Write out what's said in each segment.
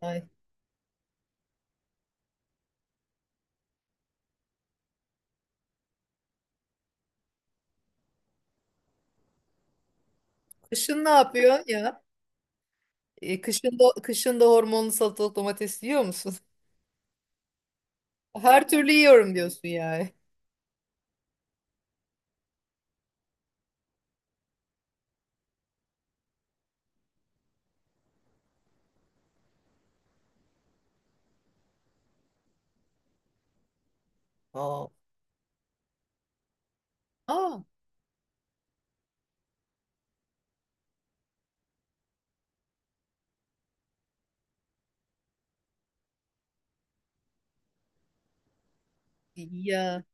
Ay. Kışın ne yapıyorsun ya? Kışın da hormonlu salatalık domates yiyor musun? Her türlü yiyorum diyorsun yani. Aa, aa, ya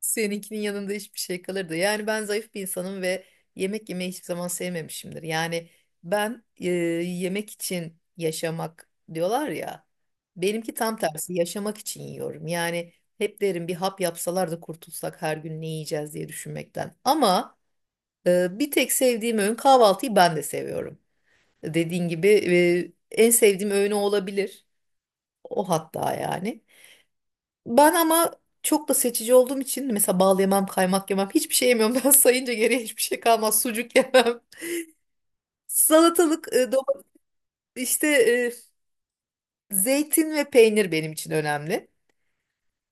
seninkinin yanında hiçbir şey kalırdı. Yani ben zayıf bir insanım ve yemek yemeyi hiçbir zaman sevmemişimdir. Yani ben yemek için yaşamak diyorlar ya. Benimki tam tersi yaşamak için yiyorum. Yani hep derim bir hap yapsalar da kurtulsak her gün ne yiyeceğiz diye düşünmekten. Ama Bir tek sevdiğim öğün kahvaltıyı ben de seviyorum. Dediğin gibi en sevdiğim öğün o olabilir. O hatta yani. Ben ama çok da seçici olduğum için mesela bal yemem, kaymak yemem, hiçbir şey yemiyorum. Ben sayınca geriye hiçbir şey kalmaz. Sucuk yemem. Salatalık, domates, işte, zeytin ve peynir benim için önemli.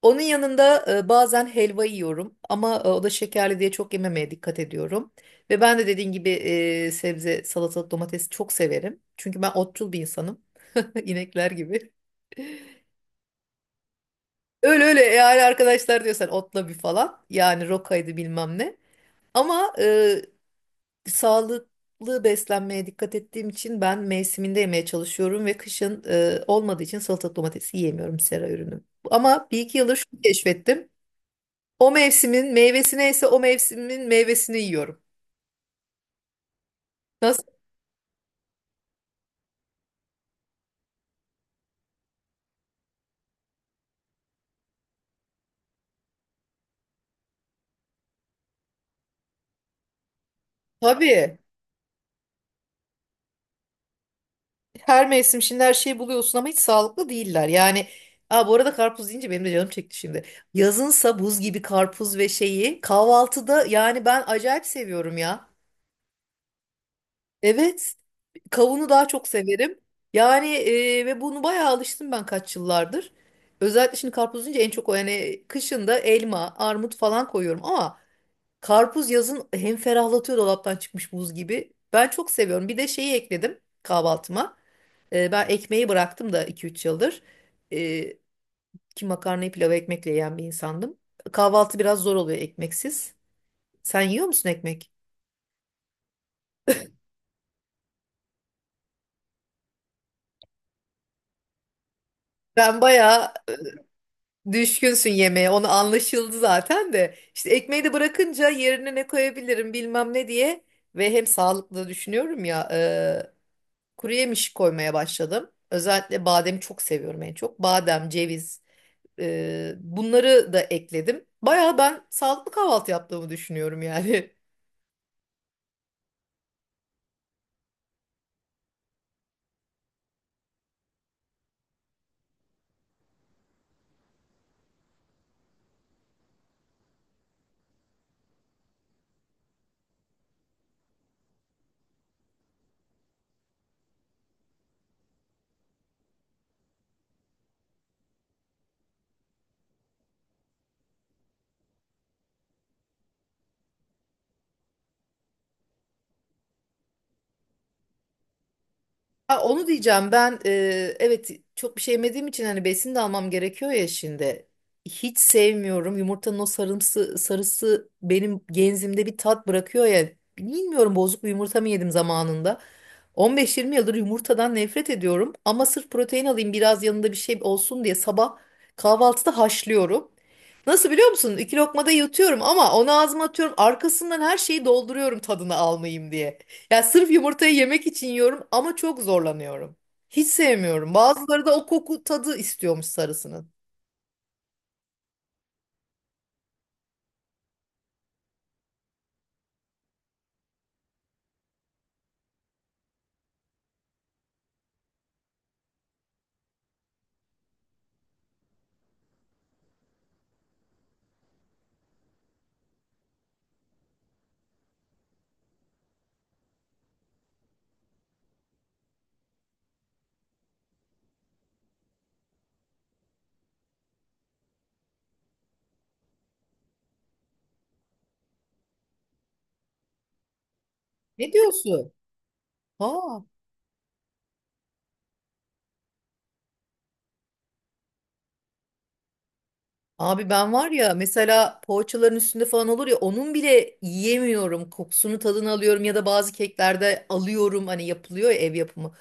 Onun yanında bazen helva yiyorum ama o da şekerli diye çok yememeye dikkat ediyorum. Ve ben de dediğin gibi sebze, salatalık, domatesi çok severim. Çünkü ben otçul bir insanım. İnekler gibi. Öyle öyle yani arkadaşlar diyorsan otla bir falan. Yani rokaydı bilmem ne. Ama sağlıklı beslenmeye dikkat ettiğim için ben mevsiminde yemeye çalışıyorum ve kışın olmadığı için salatalık domatesi yiyemiyorum sera ürünü. Ama bir iki yıldır şunu keşfettim. O mevsimin meyvesi neyse o mevsimin meyvesini yiyorum. Nasıl? Tabii. Her mevsim şimdi her şeyi buluyorsun ama hiç sağlıklı değiller. Yani aa, bu arada karpuz deyince benim de canım çekti şimdi. Yazınsa buz gibi karpuz ve şeyi kahvaltıda yani ben acayip seviyorum ya. Evet, kavunu daha çok severim. Yani ve bunu bayağı alıştım ben kaç yıllardır. Özellikle şimdi karpuz deyince en çok o yani kışında elma, armut falan koyuyorum ama karpuz yazın hem ferahlatıyor dolaptan çıkmış buz gibi. Ben çok seviyorum. Bir de şeyi ekledim kahvaltıma. Ben ekmeği bıraktım da iki üç yıldır. Ee, Ki makarnayı pilav ekmekle yiyen bir insandım. Kahvaltı biraz zor oluyor ekmeksiz. Sen yiyor musun ekmek? Ben bayağı düşkünsün yemeğe. Onu anlaşıldı zaten de. İşte ekmeği de bırakınca yerine ne koyabilirim bilmem ne diye. Ve hem sağlıklı da düşünüyorum ya. Kuru yemiş koymaya başladım. Özellikle bademi çok seviyorum en çok. Badem, ceviz, bunları da ekledim. Baya ben sağlıklı kahvaltı yaptığımı düşünüyorum yani. Ha, onu diyeceğim ben evet çok bir şey yemediğim için hani besin de almam gerekiyor ya şimdi. Hiç sevmiyorum yumurtanın o sarımsı sarısı benim genzimde bir tat bırakıyor ya. Bilmiyorum bozuk bir yumurta mı yedim zamanında. 15-20 yıldır yumurtadan nefret ediyorum ama sırf protein alayım biraz yanında bir şey olsun diye sabah kahvaltıda haşlıyorum. Nasıl biliyor musun? İki lokmada yutuyorum ama onu ağzıma atıyorum arkasından her şeyi dolduruyorum tadını almayayım diye. Ya sırf yumurtayı yemek için yiyorum ama çok zorlanıyorum. Hiç sevmiyorum. Bazıları da o koku tadı istiyormuş sarısının. Ne diyorsun? Ha. Abi ben var ya mesela poğaçaların üstünde falan olur ya onun bile yiyemiyorum. Kokusunu tadını alıyorum ya da bazı keklerde alıyorum hani yapılıyor ya ev yapımı.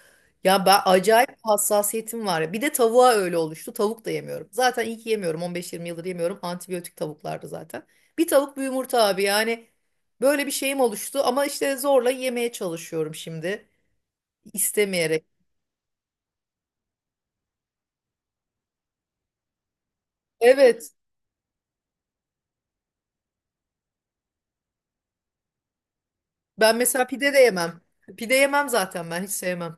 Ya ben acayip hassasiyetim var ya. Bir de tavuğa öyle oluştu. Tavuk da yemiyorum. Zaten iyi ki yemiyorum. 15-20 yıldır yemiyorum. Antibiyotik tavuklardı zaten. Bir tavuk bir yumurta abi yani böyle bir şeyim oluştu ama işte zorla yemeye çalışıyorum şimdi istemeyerek. Evet ben mesela pide de yemem. Pide yemem zaten ben hiç sevmem.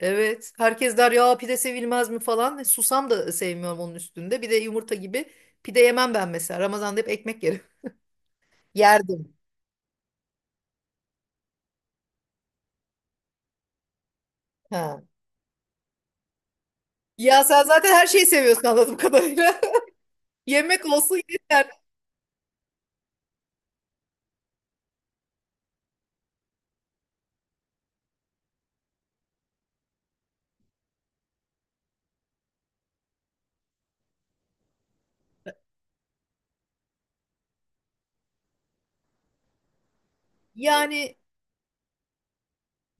Evet. Herkes der ya pide sevilmez mi falan. Susam da sevmiyorum onun üstünde. Bir de yumurta gibi pide yemem ben mesela. Ramazan'da hep ekmek yerim. Yerdim. Ha. Ya sen zaten her şeyi seviyorsun anladığım kadarıyla. Yemek olsun yeter. Yani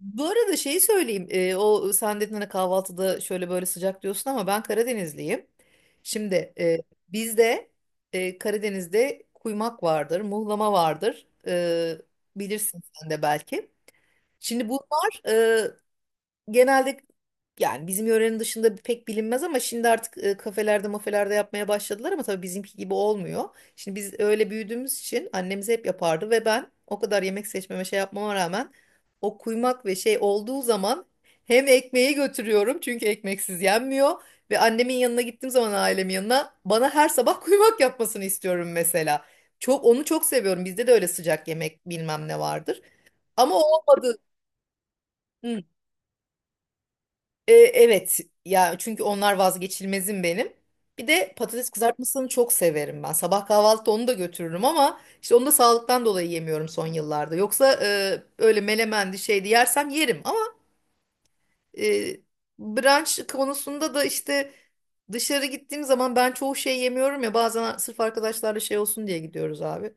bu arada şeyi söyleyeyim. O sen dedin hani kahvaltıda şöyle böyle sıcak diyorsun ama ben Karadenizliyim. Şimdi bizde Karadeniz'de kuymak vardır, muhlama vardır. Bilirsin sen de belki. Şimdi bu var. Genelde yani bizim yörenin dışında pek bilinmez ama şimdi artık kafelerde mafelerde yapmaya başladılar ama tabii bizimki gibi olmuyor. Şimdi biz öyle büyüdüğümüz için annemiz hep yapardı ve ben o kadar yemek seçmeme şey yapmama rağmen o kuymak ve şey olduğu zaman hem ekmeği götürüyorum çünkü ekmeksiz yenmiyor ve annemin yanına gittiğim zaman ailemin yanına bana her sabah kuymak yapmasını istiyorum mesela. Çok onu çok seviyorum. Bizde de öyle sıcak yemek bilmem ne vardır. Ama o olmadı. Hı. Evet ya çünkü onlar vazgeçilmezim benim. Bir de patates kızartmasını çok severim ben. Sabah kahvaltıda onu da götürürüm ama işte onu da sağlıktan dolayı yemiyorum son yıllarda. Yoksa öyle melemendi şeydi yersem yerim ama e, brunch konusunda da işte dışarı gittiğim zaman ben çoğu şey yemiyorum ya bazen sırf arkadaşlarla şey olsun diye gidiyoruz abi.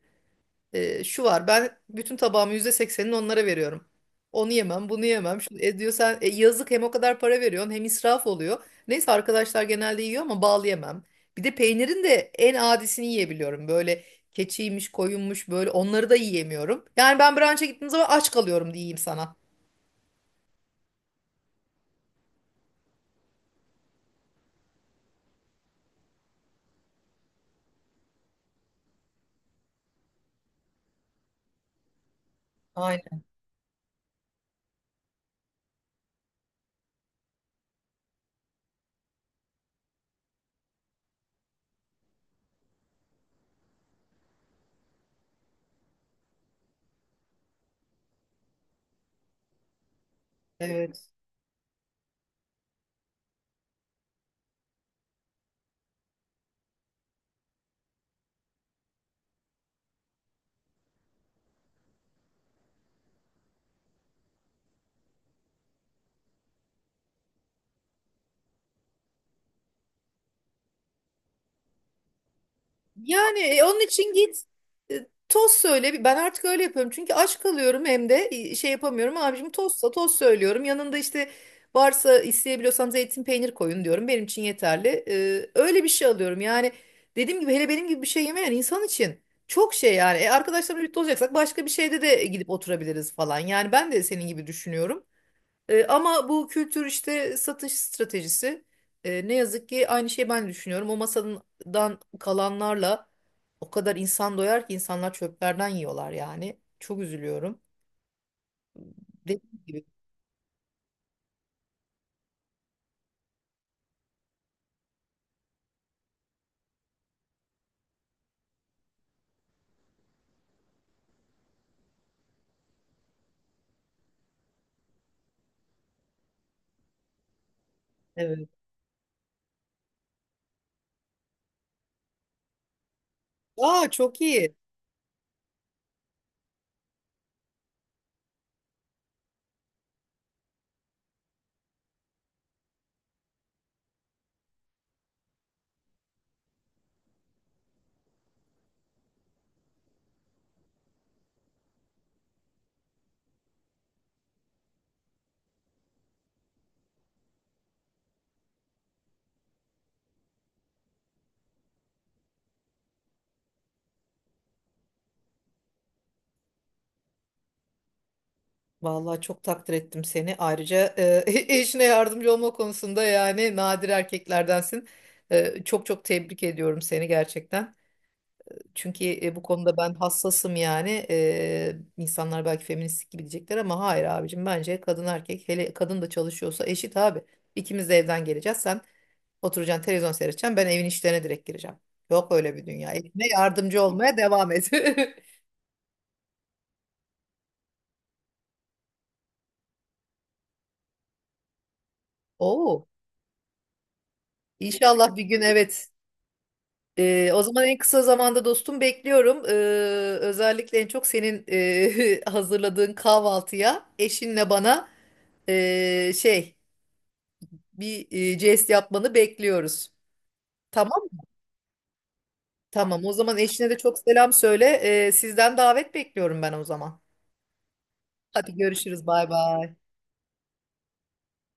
Şu var ben bütün tabağımı %80'ini onlara veriyorum. Onu yemem, bunu yemem. Şunu, diyor sen yazık hem o kadar para veriyorsun hem israf oluyor. Neyse arkadaşlar genelde yiyor ama bal yemem. Bir de peynirin de en adisini yiyebiliyorum. Böyle keçiymiş, koyunmuş böyle onları da yiyemiyorum. Yani ben brunch'a gittiğim zaman aç kalıyorum diyeyim sana. Aynen evet. Yani onun için git tost söyle. Bir- Ben artık öyle yapıyorum. Çünkü aç kalıyorum hem de şey yapamıyorum. Abicim tostsa tost söylüyorum. Yanında işte varsa isteyebiliyorsam zeytin peynir koyun diyorum. Benim için yeterli. Öyle bir şey alıyorum. Yani dediğim gibi hele benim gibi bir şey yemeyen insan için çok şey yani. Arkadaşlarımla birlikte olacaksak başka bir şeyde de gidip oturabiliriz falan. Yani ben de senin gibi düşünüyorum. Ama bu kültür işte satış stratejisi. Ne yazık ki aynı şeyi ben de düşünüyorum. O masadan kalanlarla o kadar insan doyar ki insanlar çöplerden yiyorlar yani. Çok üzülüyorum. Dediğim gibi. Evet. Aa çok iyi. Vallahi çok takdir ettim seni. Ayrıca eşine yardımcı olma konusunda yani nadir erkeklerdensin. Çok çok tebrik ediyorum seni gerçekten. Çünkü bu konuda ben hassasım yani. İnsanlar belki feministlik gibi diyecekler ama hayır abicim bence kadın erkek hele kadın da çalışıyorsa eşit abi. İkimiz de evden geleceğiz. Sen oturacaksın televizyon seyredeceksin. Ben evin işlerine direkt gireceğim. Yok öyle bir dünya. Eline yardımcı olmaya devam et. Oo, inşallah bir gün evet. O zaman en kısa zamanda dostum bekliyorum. Özellikle en çok senin hazırladığın kahvaltıya eşinle bana eee, şey bir jest yapmanı bekliyoruz. Tamam, tamam. O zaman eşine de çok selam söyle. Sizden davet bekliyorum ben o zaman. Hadi görüşürüz. Bay bay.